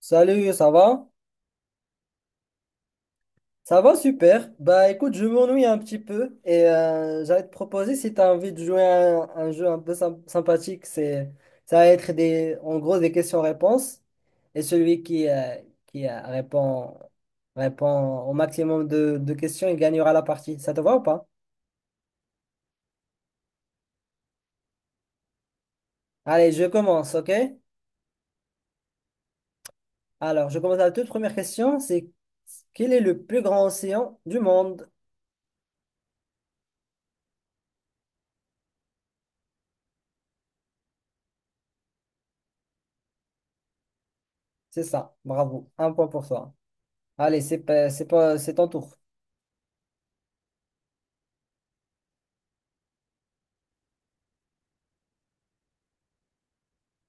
Salut, ça va? Ça va super. Bah écoute, je m'ennuie un petit peu et j'allais te proposer si tu as envie de jouer à un jeu un peu sympathique. C'est ça va être des en gros des questions-réponses, et celui qui répond au maximum de questions, il gagnera la partie. Ça te va ou pas? Allez, je commence, OK? Alors, je commence la toute première question: c'est quel est le plus grand océan du monde? C'est ça. Bravo. Un point pour toi. Allez, c'est pas- c'est pas c'est ton tour.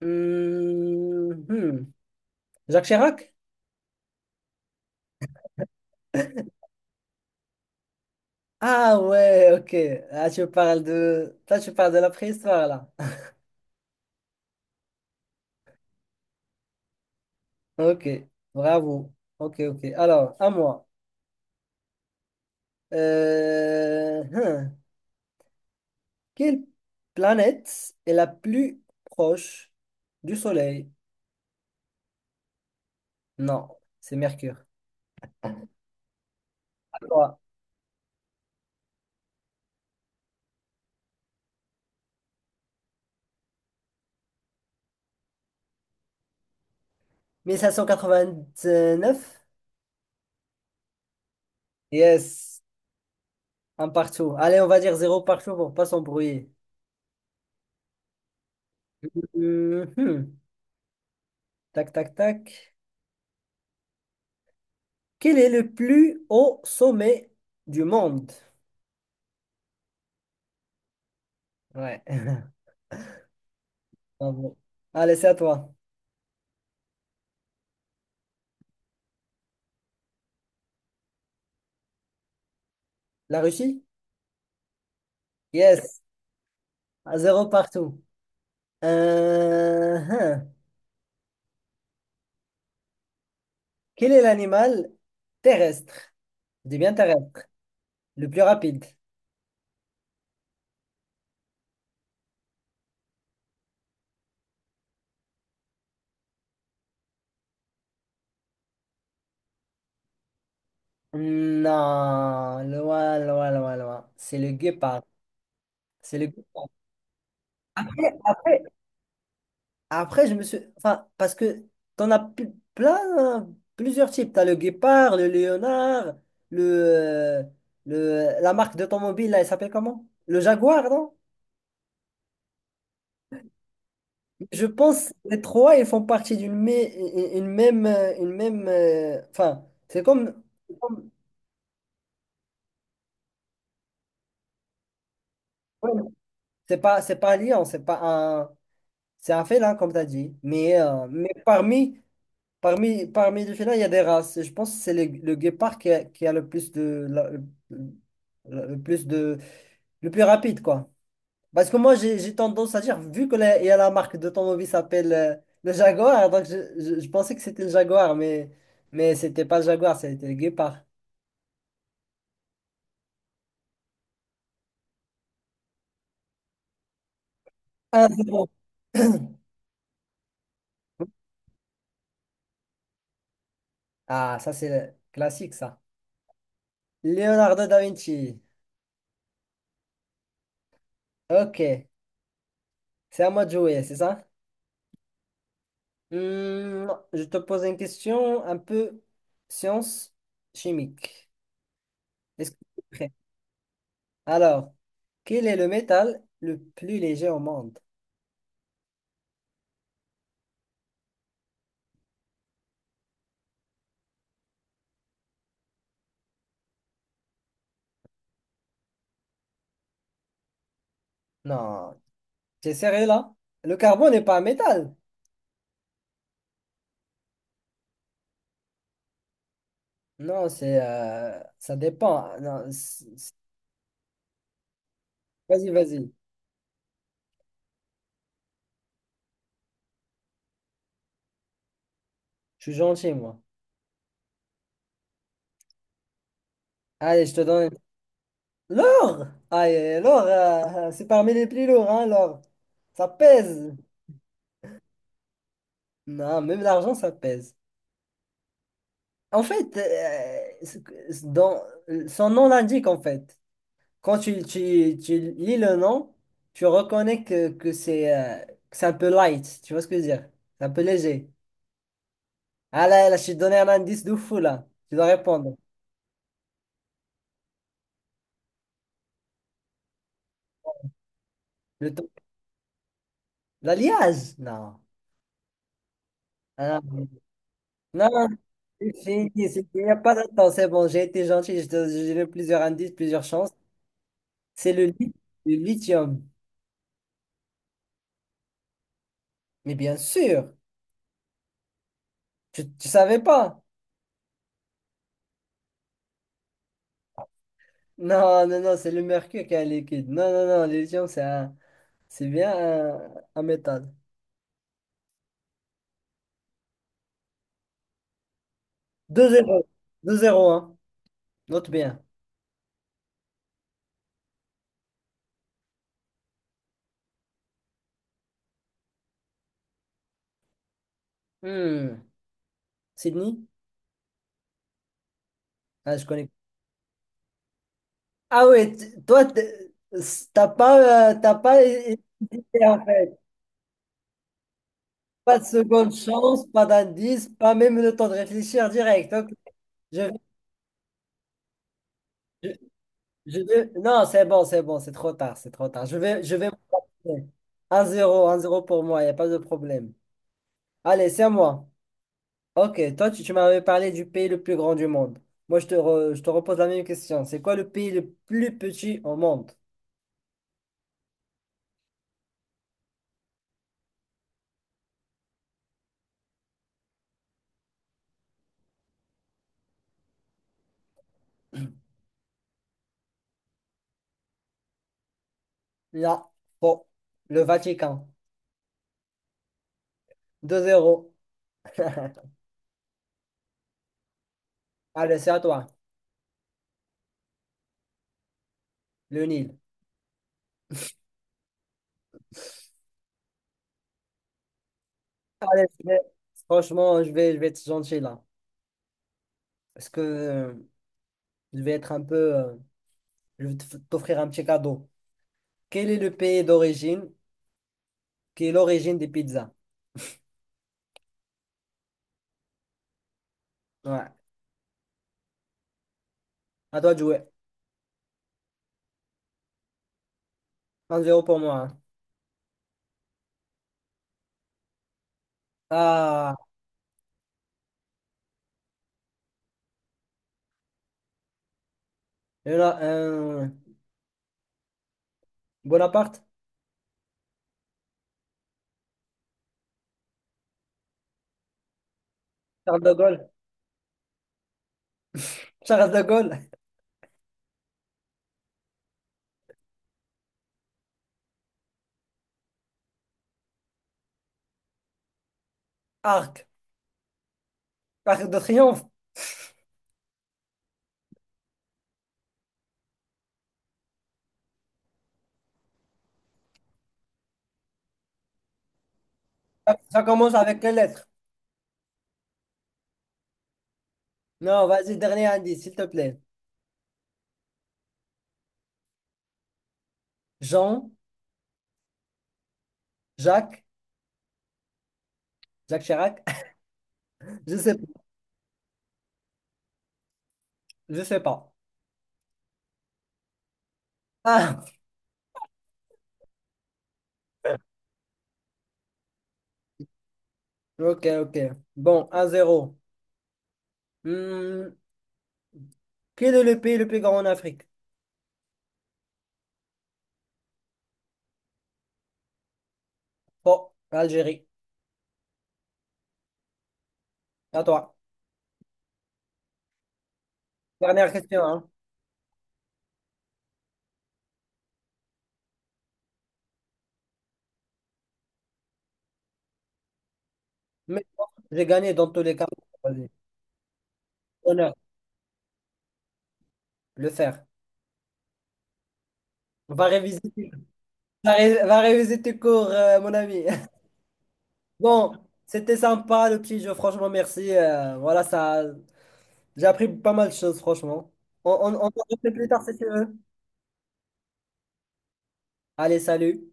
Hmm, hmm. Jacques Chirac? Ah ouais, ok. Toi, tu parles de la préhistoire, là. Ok, bravo. Ok, ok. Alors, à moi. Euh, hmm. Quelle planète est la plus proche du Soleil? Non, c'est Mercure. Quoi? Neuf. Yes, un partout. Allez, on va dire zéro partout pour pas s'embrouiller. Mhm. Tac, tac, tac. Quel est le plus haut sommet du monde? Ouais. Bravo. Allez, c'est à toi. La Russie? Yes. À zéro partout. Hein. Quel est l'animal terrestre? Je dis bien terrestre. Le plus rapide? Non, loin, loin, loin, loin. C'est le guépard. C'est le guépard. Après, Après, je me suis. Enfin, parce que t'en as plein, hein, plusieurs types. T'as le guépard, le léonard, le, euh, la marque d'automobile, là, elle s'appelle comment? Le Jaguar, non? Je pense que les trois, ils font partie d'une même. Une même enfin, c'est comme. C'est comme- ouais, c'est pas un lion, c'est pas un. C'est un félin, comme t'as dit. Mais parmi les félins, il y a des races. Et je pense que c'est le guépard qui a le plus de, le plus rapide, quoi. Parce que moi, j'ai tendance à dire, vu que il y a la marque d'automobile s'appelle le Jaguar, donc je pensais que c'était le Jaguar, mais c'était pas le Jaguar, c'était le guépard. Ah, c'est bon. Ah, ça, c'est classique, ça. Leonardo da Vinci. Ok, c'est à moi de jouer, c'est ça? Hmm, je te pose une question un peu science chimique. Est-ce que tu es prêt? Alors, quel est le métal le plus léger au monde? Non, t'es sérieux là? Le carbone n'est pas un métal. Non, c'est ça dépend. Non, vas-y, vas-y. Je suis gentil, moi. Allez, je te donne. L'or! Aïe, l'or, c'est parmi les plus lourds, hein, l'or. Ça pèse. Non, même l'argent, ça pèse. En fait, dans, son nom l'indique, en fait. Quand tu lis le nom, tu reconnais que c'est un peu light. Tu vois ce que je veux dire? C'est un peu léger. Ah là, là, je t'ai donné un indice de fou là. Tu dois répondre. Le temps. L'alliage? Non. Ah, non, c'est fini. Il n'y a pas de temps. C'est bon, j'ai été gentil. J'ai donné plusieurs indices, plusieurs chances. C'est le lithium. Mais bien sûr, tu ne savais pas. Non, non, non, c'est le mercure qui est un liquide. Non, non, non, le lithium, c'est bien un métal. 2-0, 2-0 hein. Note bien. Hmm. Sydney? Ah, je connais. Ah ouais, toi, t'as pas hésité en fait. Pas de seconde chance, pas d'indice, pas même le temps de réfléchir direct. Ok. Je, je- Non, c'est bon, c'est bon, c'est trop tard, c'est trop tard. Je vais, je vais. 1-0, 1-0 pour moi, il n'y a pas de problème. Allez, c'est à moi. Ok, toi, tu m'avais parlé du pays le plus grand du monde. Moi, je te repose la même question. C'est quoi le pays le plus petit au monde? Là, bon, le Vatican. 2 zéro. Allez, c'est à toi. Le Nil. Allez, franchement, je vais être gentil là. Parce que je vais être un peu. Je vais t'offrir un petit cadeau. Quel est le pays d'origine qui est l'origine des pizzas? Ouais. À toi de jouer. 1 zéro pour moi, hein. Ah, il y en a un. Bonaparte? Charles de Gaulle? Charles de Gaulle, arc, arc de triomphe. Ça commence avec quelle lettre? Non, vas-y, dernier indice, s'il te plaît. Jean, Jacques, Jacques Chirac. Je sais, je sais pas. Ah, ok, ok. Bon, 1-0. Hmm, quel est le pays le plus grand en Afrique? Bon, Algérie. À toi. Dernière question, hein. Mais bon, j'ai gagné dans tous les cas. Vas-y. Honneur, le faire. Va réviser, va réviser tes cours, mon ami. Bon, c'était sympa le petit jeu, franchement, merci. Voilà, ça, j'ai appris pas mal de choses, franchement. On en refait plus tard si tu veux. Allez, salut.